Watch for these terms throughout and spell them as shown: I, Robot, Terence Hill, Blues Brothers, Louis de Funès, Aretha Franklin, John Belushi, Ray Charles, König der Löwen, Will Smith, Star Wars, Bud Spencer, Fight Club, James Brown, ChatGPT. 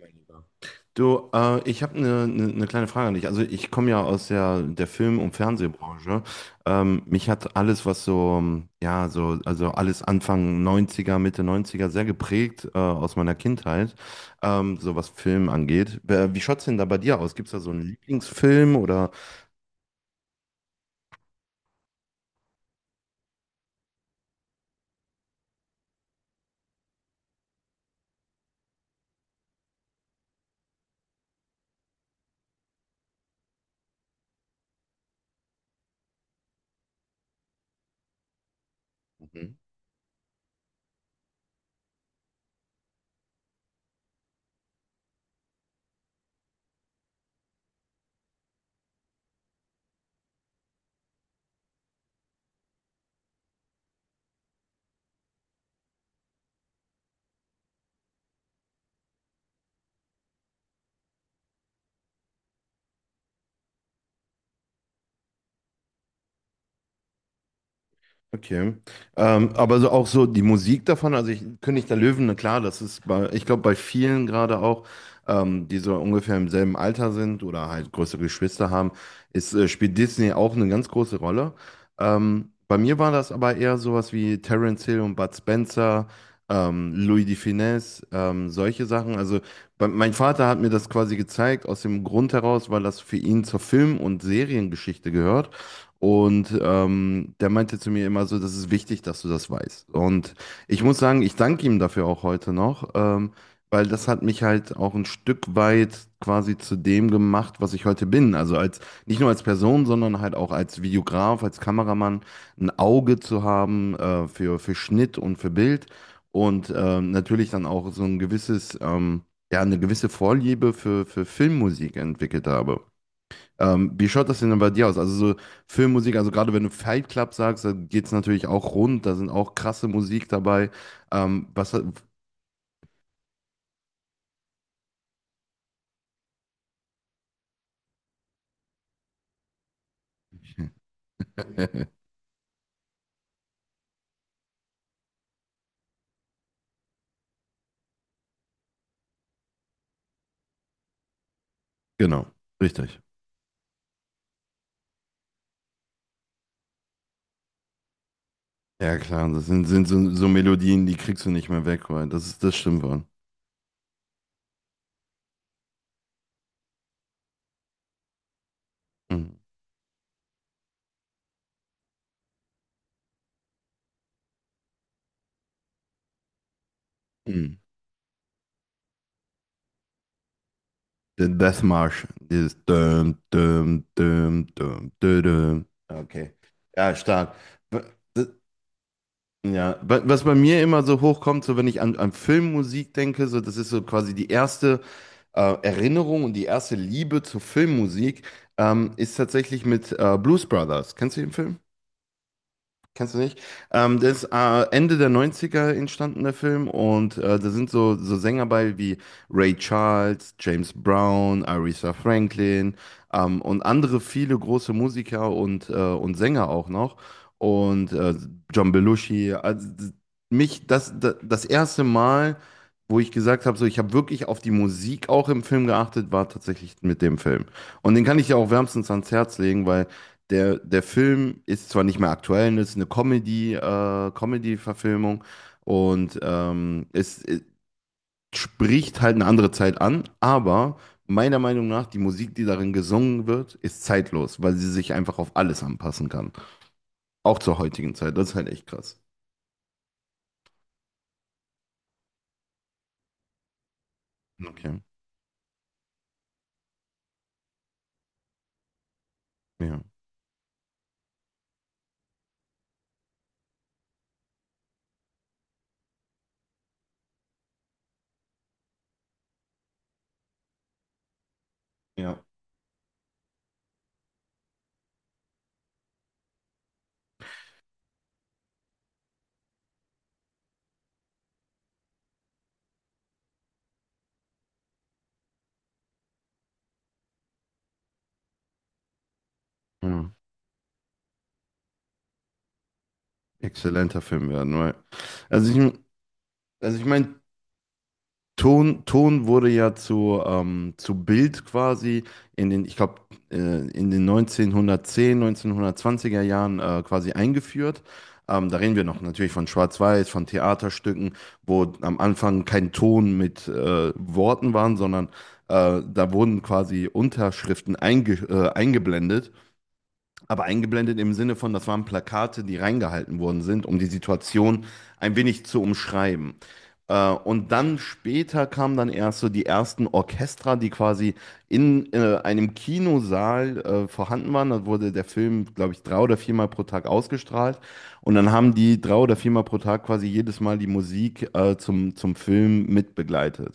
Mein Lieber. Du, ich habe eine kleine Frage an dich. Also ich komme ja aus der Film- und Fernsehbranche. Mich hat alles, was so, ja, so, also alles Anfang neunziger, Mitte neunziger sehr geprägt, aus meiner Kindheit, so was Film angeht. Wie schaut's denn da bei dir aus? Gibt's da so einen Lieblingsfilm oder? Mhm. Okay. Aber so auch so die Musik davon, also ich, König der Löwen, na klar, das ist bei, ich glaube, bei vielen gerade auch, die so ungefähr im selben Alter sind oder halt größere Geschwister haben, spielt Disney auch eine ganz große Rolle. Bei mir war das aber eher sowas wie Terence Hill und Bud Spencer, Louis de Funès, solche Sachen. Also mein Vater hat mir das quasi gezeigt, aus dem Grund heraus, weil das für ihn zur Film- und Seriengeschichte gehört. Und der meinte zu mir immer so, das ist wichtig, dass du das weißt. Und ich muss sagen, ich danke ihm dafür auch heute noch, weil das hat mich halt auch ein Stück weit quasi zu dem gemacht, was ich heute bin. Also als Nicht nur als Person, sondern halt auch als Videograf, als Kameramann, ein Auge zu haben für Schnitt und für Bild und natürlich dann auch so ein gewisses, ja, eine gewisse Vorliebe für Filmmusik entwickelt habe. Wie schaut das denn dann bei dir aus? Also so Filmmusik, also gerade wenn du Fight Club sagst, dann geht es natürlich auch rund, da sind auch krasse Musik dabei. Was hat. Genau, richtig. Ja klar, das sind so, so Melodien, die kriegst du nicht mehr weg, weil das stimmt wohl. Mhm. Mhm. Der Death March, dieses düm, düm, düm, düm, düm, düm. Okay. Ja, stark. W- d- Ja, was bei mir immer so hochkommt, so wenn ich an, an Filmmusik denke, so das ist so quasi die erste Erinnerung und die erste Liebe zur Filmmusik ist tatsächlich mit Blues Brothers. Kennst du den Film? Kennst du nicht? Das ist Ende der Neunziger er entstanden, der Film. Und da sind so, so Sänger bei wie Ray Charles, James Brown, Aretha Franklin, und andere viele große Musiker und Sänger auch noch. Und John Belushi. Also, mich das, das erste Mal, wo ich gesagt habe, so, ich habe wirklich auf die Musik auch im Film geachtet, war tatsächlich mit dem Film. Und den kann ich ja auch wärmstens ans Herz legen, weil. Der Film ist zwar nicht mehr aktuell, das ist eine Comedy-Verfilmung und spricht halt eine andere Zeit an, aber meiner Meinung nach, die Musik, die darin gesungen wird, ist zeitlos, weil sie sich einfach auf alles anpassen kann. Auch zur heutigen Zeit. Das ist halt echt krass. Okay. Ja. Ja. Ja. Exzellenter Film werden, weil. Also ich, also ich meine, Ton wurde ja zu Bild quasi in den, ich glaube, äh, in den 1910, 1920er Jahren quasi eingeführt. Da reden wir noch natürlich von Schwarz-Weiß, von Theaterstücken, wo am Anfang kein Ton mit Worten waren, sondern da wurden quasi Unterschriften eingeblendet, aber eingeblendet im Sinne von, das waren Plakate, die reingehalten worden sind, um die Situation ein wenig zu umschreiben. Und dann später kamen dann erst so die ersten Orchester, die quasi in einem Kinosaal vorhanden waren. Da wurde der Film, glaube ich, drei oder viermal pro Tag ausgestrahlt. Und dann haben die drei oder viermal pro Tag quasi jedes Mal die Musik zum, zum Film mitbegleitet.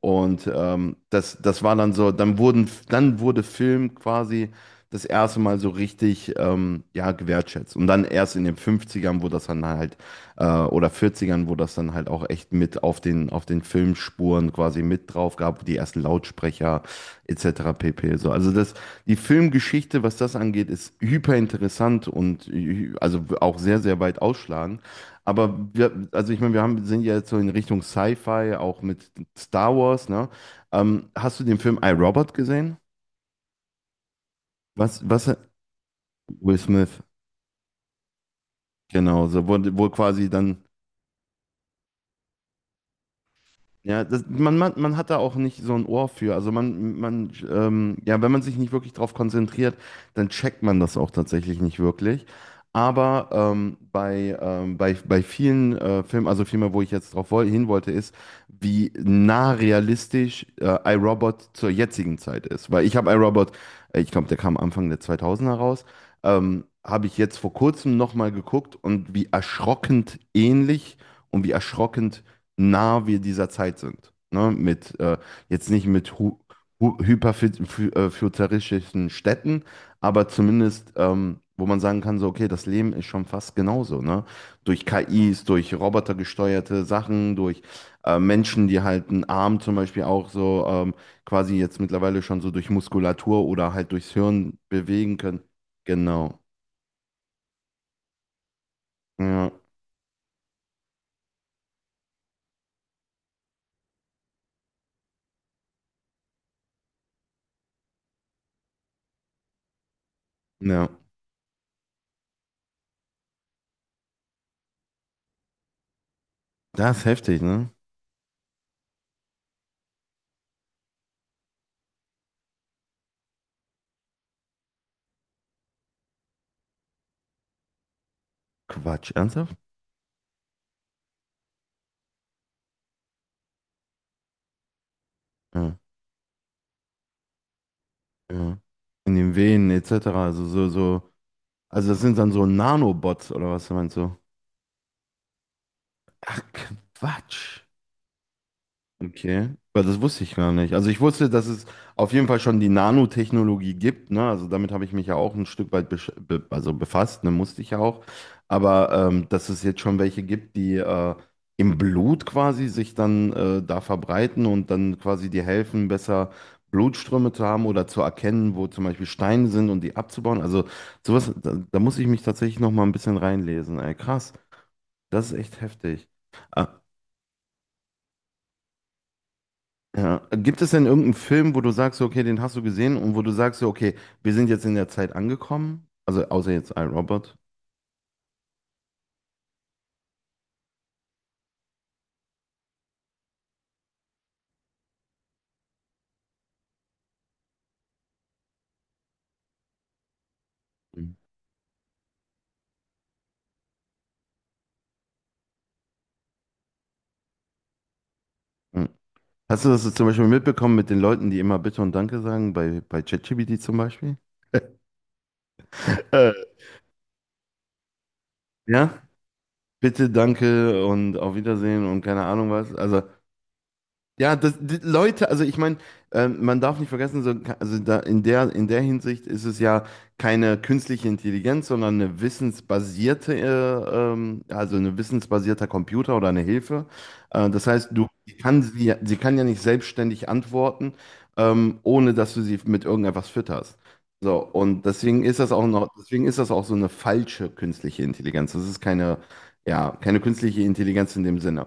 Und das war dann so, dann wurde Film quasi das erste Mal so richtig, ja, gewertschätzt. Und dann erst in den Fünfzigern, wo das dann halt, oder Vierzigern, wo das dann halt auch echt mit auf den Filmspuren quasi mit drauf gab, die ersten Lautsprecher etc. pp. So. Also das, die Filmgeschichte, was das angeht, ist hyper interessant und also auch sehr, sehr weit ausschlagend. Also ich meine, sind ja jetzt so in Richtung Sci-Fi, auch mit Star Wars, ne? Hast du den Film I, Robot gesehen? Was, was, Will Smith. Genau, so, wo quasi dann. Ja, das, man hat da auch nicht so ein Ohr für. Also, ja, wenn man sich nicht wirklich drauf konzentriert, dann checkt man das auch tatsächlich nicht wirklich. Aber bei vielen Filmen, also vielmehr, wo ich jetzt drauf woll hin wollte, ist, wie nah realistisch iRobot zur jetzigen Zeit ist. Weil ich habe iRobot, ich glaube, der kam Anfang der 2000er raus, habe ich jetzt vor kurzem nochmal geguckt und wie erschrockend ähnlich und wie erschrockend nah wir dieser Zeit sind. Ne? Jetzt nicht mit hu hu hyperfuturistischen Städten, aber zumindest, wo man sagen kann, so, okay, das Leben ist schon fast genauso. Ne? Durch KIs, durch robotergesteuerte Sachen, durch Menschen, die halt einen Arm zum Beispiel auch so, quasi jetzt mittlerweile schon so durch Muskulatur oder halt durchs Hirn bewegen können. Genau. Ja, ja. Das ist heftig, ne? Quatsch, ernsthaft? Ja. Ja. In den Venen etc. Also so, also das sind dann so Nanobots oder was meinst du? Ach, Quatsch. Okay, weil das wusste ich gar nicht. Also ich wusste, dass es auf jeden Fall schon die Nanotechnologie gibt, ne? Also damit habe ich mich ja auch ein Stück weit besch be also befasst, ne? Musste ich ja auch. Aber dass es jetzt schon welche gibt, die im Blut quasi sich dann da verbreiten und dann quasi dir helfen, besser Blutströme zu haben oder zu erkennen, wo zum Beispiel Steine sind und die abzubauen. Also sowas, da muss ich mich tatsächlich noch mal ein bisschen reinlesen. Ey, krass, das ist echt heftig. Ah, ja. Gibt es denn irgendeinen Film, wo du sagst, okay, den hast du gesehen und wo du sagst, so, okay, wir sind jetzt in der Zeit angekommen? Also außer jetzt iRobot. Mhm. Mhm. Hast du das zum Beispiel mitbekommen mit den Leuten, die immer Bitte und Danke sagen, bei ChatGPT zum Beispiel? Äh, ja, bitte, danke und auf Wiedersehen und keine Ahnung was. Also ja, das, die Leute, also ich meine, man darf nicht vergessen, so, also da in der Hinsicht ist es ja keine künstliche Intelligenz, sondern eine wissensbasierte, also ein wissensbasierter Computer oder eine Hilfe. Das heißt, du sie kann sie, ja- sie kann ja nicht selbstständig antworten, ohne dass du sie mit irgendetwas fütterst. So, und deswegen ist das auch so eine falsche künstliche Intelligenz. Das ist keine künstliche Intelligenz in dem Sinne.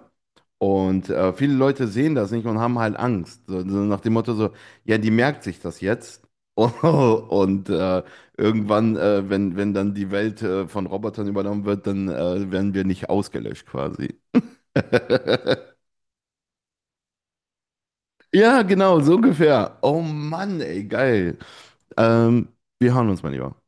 Und viele Leute sehen das nicht und haben halt Angst. So, so nach dem Motto so, ja, die merkt sich das jetzt. Und irgendwann, wenn dann die Welt von Robotern übernommen wird, dann werden wir nicht ausgelöscht quasi. Ja, genau, so ungefähr. Oh Mann, ey, geil. Ähm, Wir hören uns mal lieber.